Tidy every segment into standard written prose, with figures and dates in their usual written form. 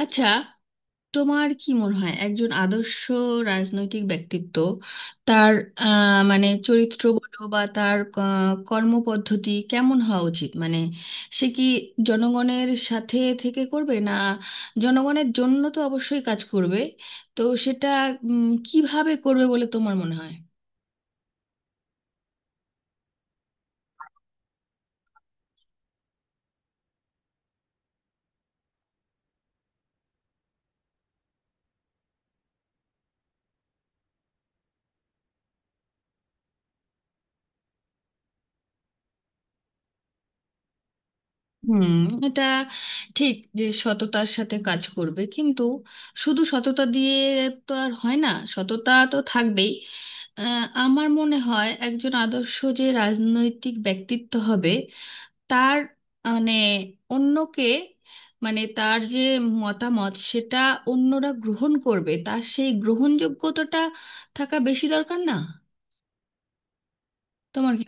আচ্ছা, তোমার কি মনে হয় একজন আদর্শ রাজনৈতিক ব্যক্তিত্ব তার মানে চরিত্র বলো বা তার কর্মপদ্ধতি কেমন হওয়া উচিত? মানে সে কি জনগণের সাথে থেকে করবে না জনগণের জন্য? তো অবশ্যই কাজ করবে, তো সেটা কিভাবে করবে বলে তোমার মনে হয়? হুম, এটা ঠিক যে সততার সাথে কাজ করবে, কিন্তু শুধু সততা দিয়ে তো আর হয় না। সততা তো থাকবেই। আমার মনে হয় একজন আদর্শ যে রাজনৈতিক ব্যক্তিত্ব হবে তার মানে অন্যকে, মানে তার যে মতামত সেটা অন্যরা গ্রহণ করবে, তার সেই গ্রহণযোগ্যতাটা থাকা বেশি দরকার না? তোমার কি?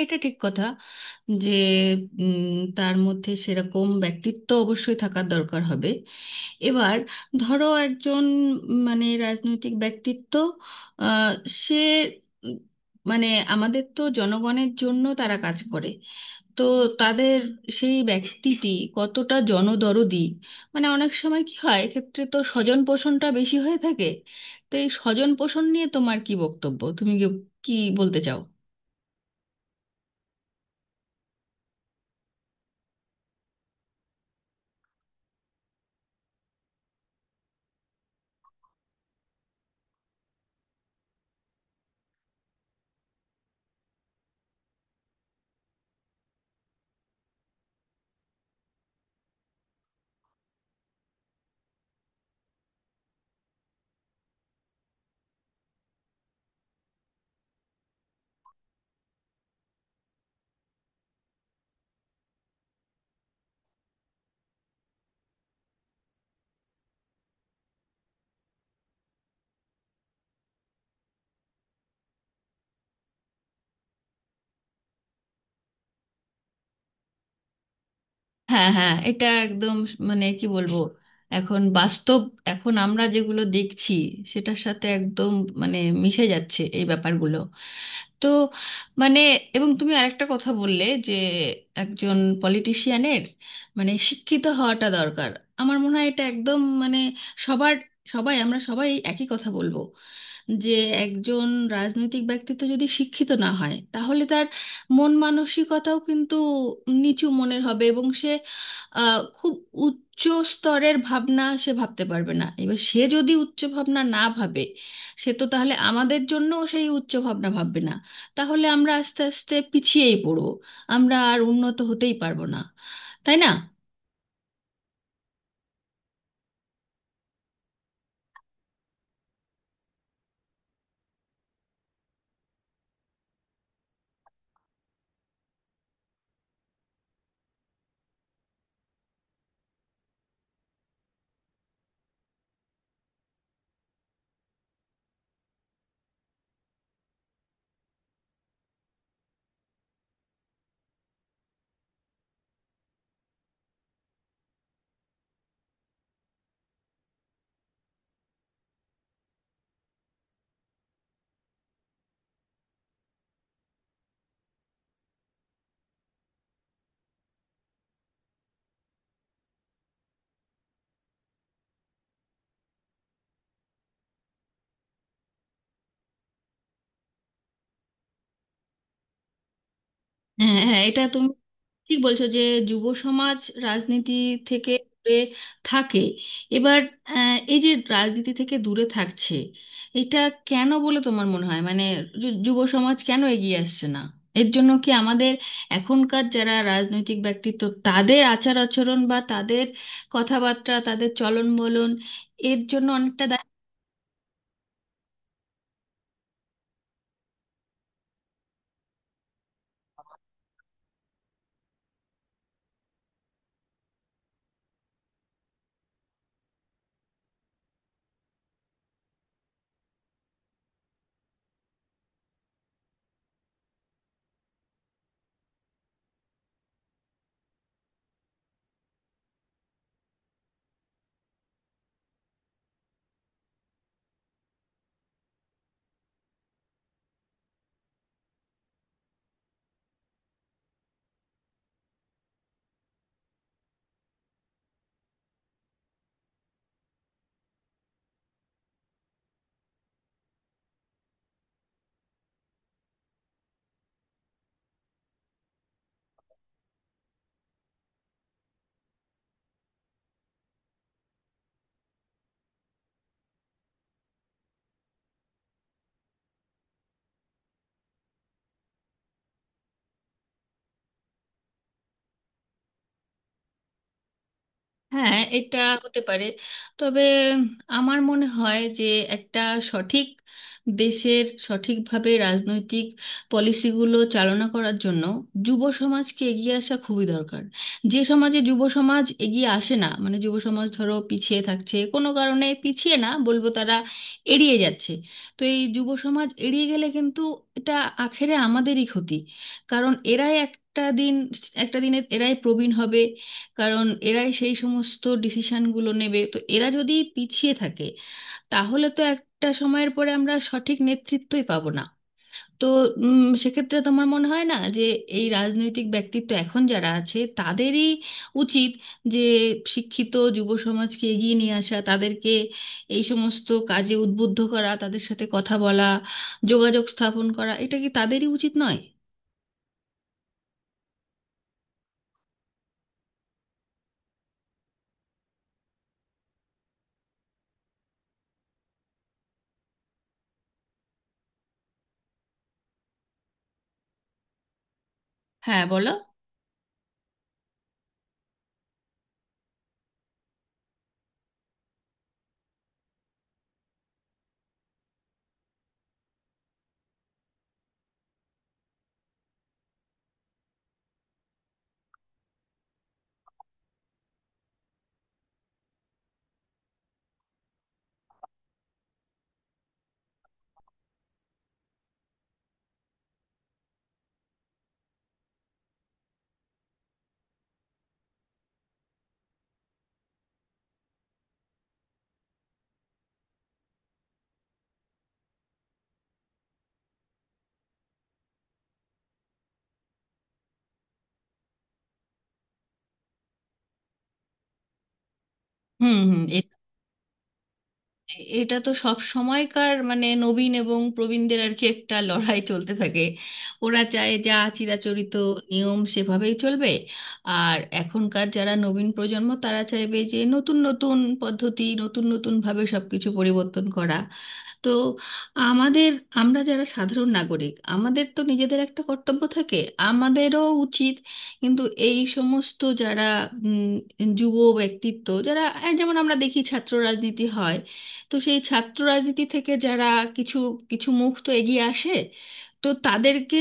এটা ঠিক কথা যে উম, তার মধ্যে সেরকম ব্যক্তিত্ব অবশ্যই থাকার দরকার হবে। এবার ধরো একজন মানে রাজনৈতিক ব্যক্তিত্ব, আহ, সে উম, মানে আমাদের তো জনগণের জন্য তারা কাজ করে, তো তাদের সেই ব্যক্তিটি কতটা জনদরদি। মানে অনেক সময় কি হয়, এক্ষেত্রে তো স্বজন পোষণটা বেশি হয়ে থাকে। তো এই স্বজন পোষণ নিয়ে তোমার কি বক্তব্য, তুমি কি কি বলতে চাও? হ্যাঁ হ্যাঁ, এটা একদম মানে কি বলবো, এখন বাস্তব, এখন আমরা যেগুলো দেখছি সেটার সাথে একদম মানে মিশে যাচ্ছে এই ব্যাপারগুলো। তো মানে এবং তুমি আরেকটা কথা বললে যে একজন পলিটিশিয়ানের মানে শিক্ষিত হওয়াটা দরকার। আমার মনে হয় এটা একদম মানে সবার, সবাই আমরা সবাই একই কথা বলবো যে একজন রাজনৈতিক ব্যক্তিত্ব যদি শিক্ষিত না হয় তাহলে তার মন মানসিকতাও কিন্তু নিচু মনের হবে এবং সে খুব উচ্চ স্তরের ভাবনা সে ভাবতে পারবে না। এবার সে যদি উচ্চ ভাবনা না ভাবে, সে তো তাহলে আমাদের জন্য সেই উচ্চ ভাবনা ভাববে না। তাহলে আমরা আস্তে আস্তে পিছিয়েই পড়বো, আমরা আর উন্নত হতেই পারবো না, তাই না? হ্যাঁ হ্যাঁ, এটা তুমি ঠিক বলছো যে যুব সমাজ রাজনীতি থেকে দূরে থাকে। এবার এই যে রাজনীতি থেকে দূরে থাকছে, এটা কেন বলে তোমার মনে হয়? মানে যুব সমাজ কেন এগিয়ে আসছে না? এর জন্য কি আমাদের এখনকার যারা রাজনৈতিক ব্যক্তিত্ব তাদের আচার আচরণ বা তাদের কথাবার্তা, তাদের চলন বলন, এর জন্য অনেকটা? হ্যাঁ, এটা হতে পারে। তবে আমার মনে হয় যে একটা সঠিক দেশের সঠিকভাবে রাজনৈতিক পলিসিগুলো চালনা করার জন্য যুব সমাজকে এগিয়ে আসা খুবই দরকার। যে সমাজে যুব সমাজ এগিয়ে আসে না, মানে যুব সমাজ ধরো পিছিয়ে থাকছে কোনো কারণে, পিছিয়ে না বলবো তারা এড়িয়ে যাচ্ছে। তো এই যুব সমাজ এড়িয়ে গেলে কিন্তু এটা আখেরে আমাদেরই ক্ষতি। কারণ এরাই একটা দিন, একটা দিনে এরাই প্রবীণ হবে, কারণ এরাই সেই সমস্ত ডিসিশনগুলো নেবে। তো এরা যদি পিছিয়ে থাকে তাহলে তো একটা সময়ের পরে আমরা সঠিক নেতৃত্বই পাবো না। তো সেক্ষেত্রে তোমার মনে হয় না যে এই রাজনৈতিক ব্যক্তিত্ব এখন যারা আছে তাদেরই উচিত যে শিক্ষিত যুব সমাজকে এগিয়ে নিয়ে আসা, তাদেরকে এই সমস্ত কাজে উদ্বুদ্ধ করা, তাদের সাথে কথা বলা, যোগাযোগ স্থাপন করা, এটা কি তাদেরই উচিত নয়? হ্যাঁ, বলো। হুম হুম। এটা তো সব সময়কার মানে নবীন এবং প্রবীণদের আর কি একটা লড়াই চলতে থাকে। ওরা চায় যা চিরাচরিত নিয়ম সেভাবেই চলবে, আর এখনকার যারা নবীন প্রজন্ম তারা চাইবে যে নতুন নতুন পদ্ধতি, নতুন নতুন ভাবে সবকিছু পরিবর্তন করা। তো আমাদের, আমরা যারা সাধারণ নাগরিক আমাদের তো নিজেদের একটা কর্তব্য থাকে। আমাদেরও উচিত কিন্তু এই সমস্ত যারা উম, যুব ব্যক্তিত্ব যারা, এই যেমন আমরা দেখি ছাত্র রাজনীতি হয়, তো সেই ছাত্র রাজনীতি থেকে যারা কিছু কিছু মুখ তো এগিয়ে আসে, তো তাদেরকে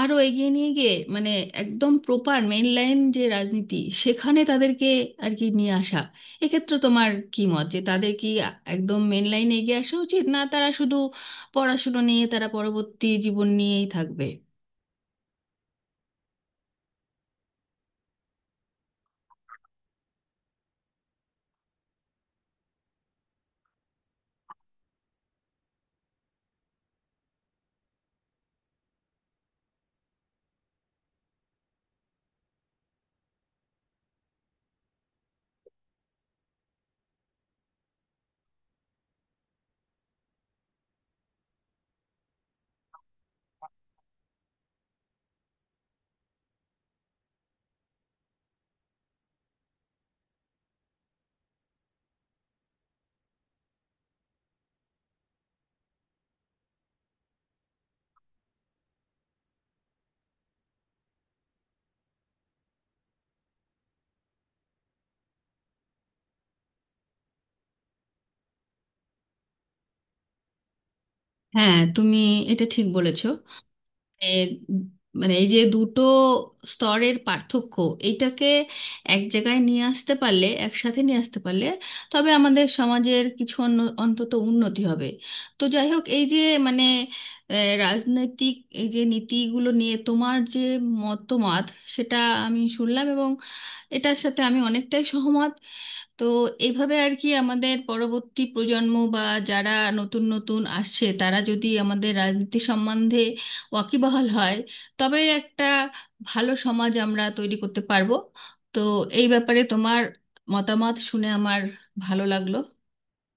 আরো এগিয়ে নিয়ে গিয়ে মানে একদম প্রপার মেইন লাইন যে রাজনীতি, সেখানে তাদেরকে আর কি নিয়ে আসা। এক্ষেত্রে তোমার কি মত, যে তাদের কি একদম মেইন লাইনে এগিয়ে আসা উচিত, না তারা শুধু পড়াশুনো নিয়ে তারা পরবর্তী জীবন নিয়েই থাকবে? হ্যাঁ, তুমি এটা ঠিক বলেছ। এ, মানে এই যে দুটো স্তরের পার্থক্য, এইটাকে এক জায়গায় নিয়ে আসতে পারলে, একসাথে নিয়ে আসতে পারলে, তবে আমাদের সমাজের কিছু অন্তত উন্নতি হবে। তো যাই হোক, এই যে মানে এ, রাজনৈতিক এই যে নীতিগুলো নিয়ে তোমার যে মতামত সেটা আমি শুনলাম, এবং এটার সাথে আমি অনেকটাই সহমত। তো এইভাবে আর কি আমাদের পরবর্তী প্রজন্ম বা যারা নতুন নতুন আসছে তারা যদি আমাদের রাজনীতি সম্বন্ধে ওয়াকিবহাল হয় তবে একটা ভালো সমাজ আমরা তৈরি করতে পারবো। তো এই ব্যাপারে তোমার মতামত শুনে আমার ভালো লাগলো।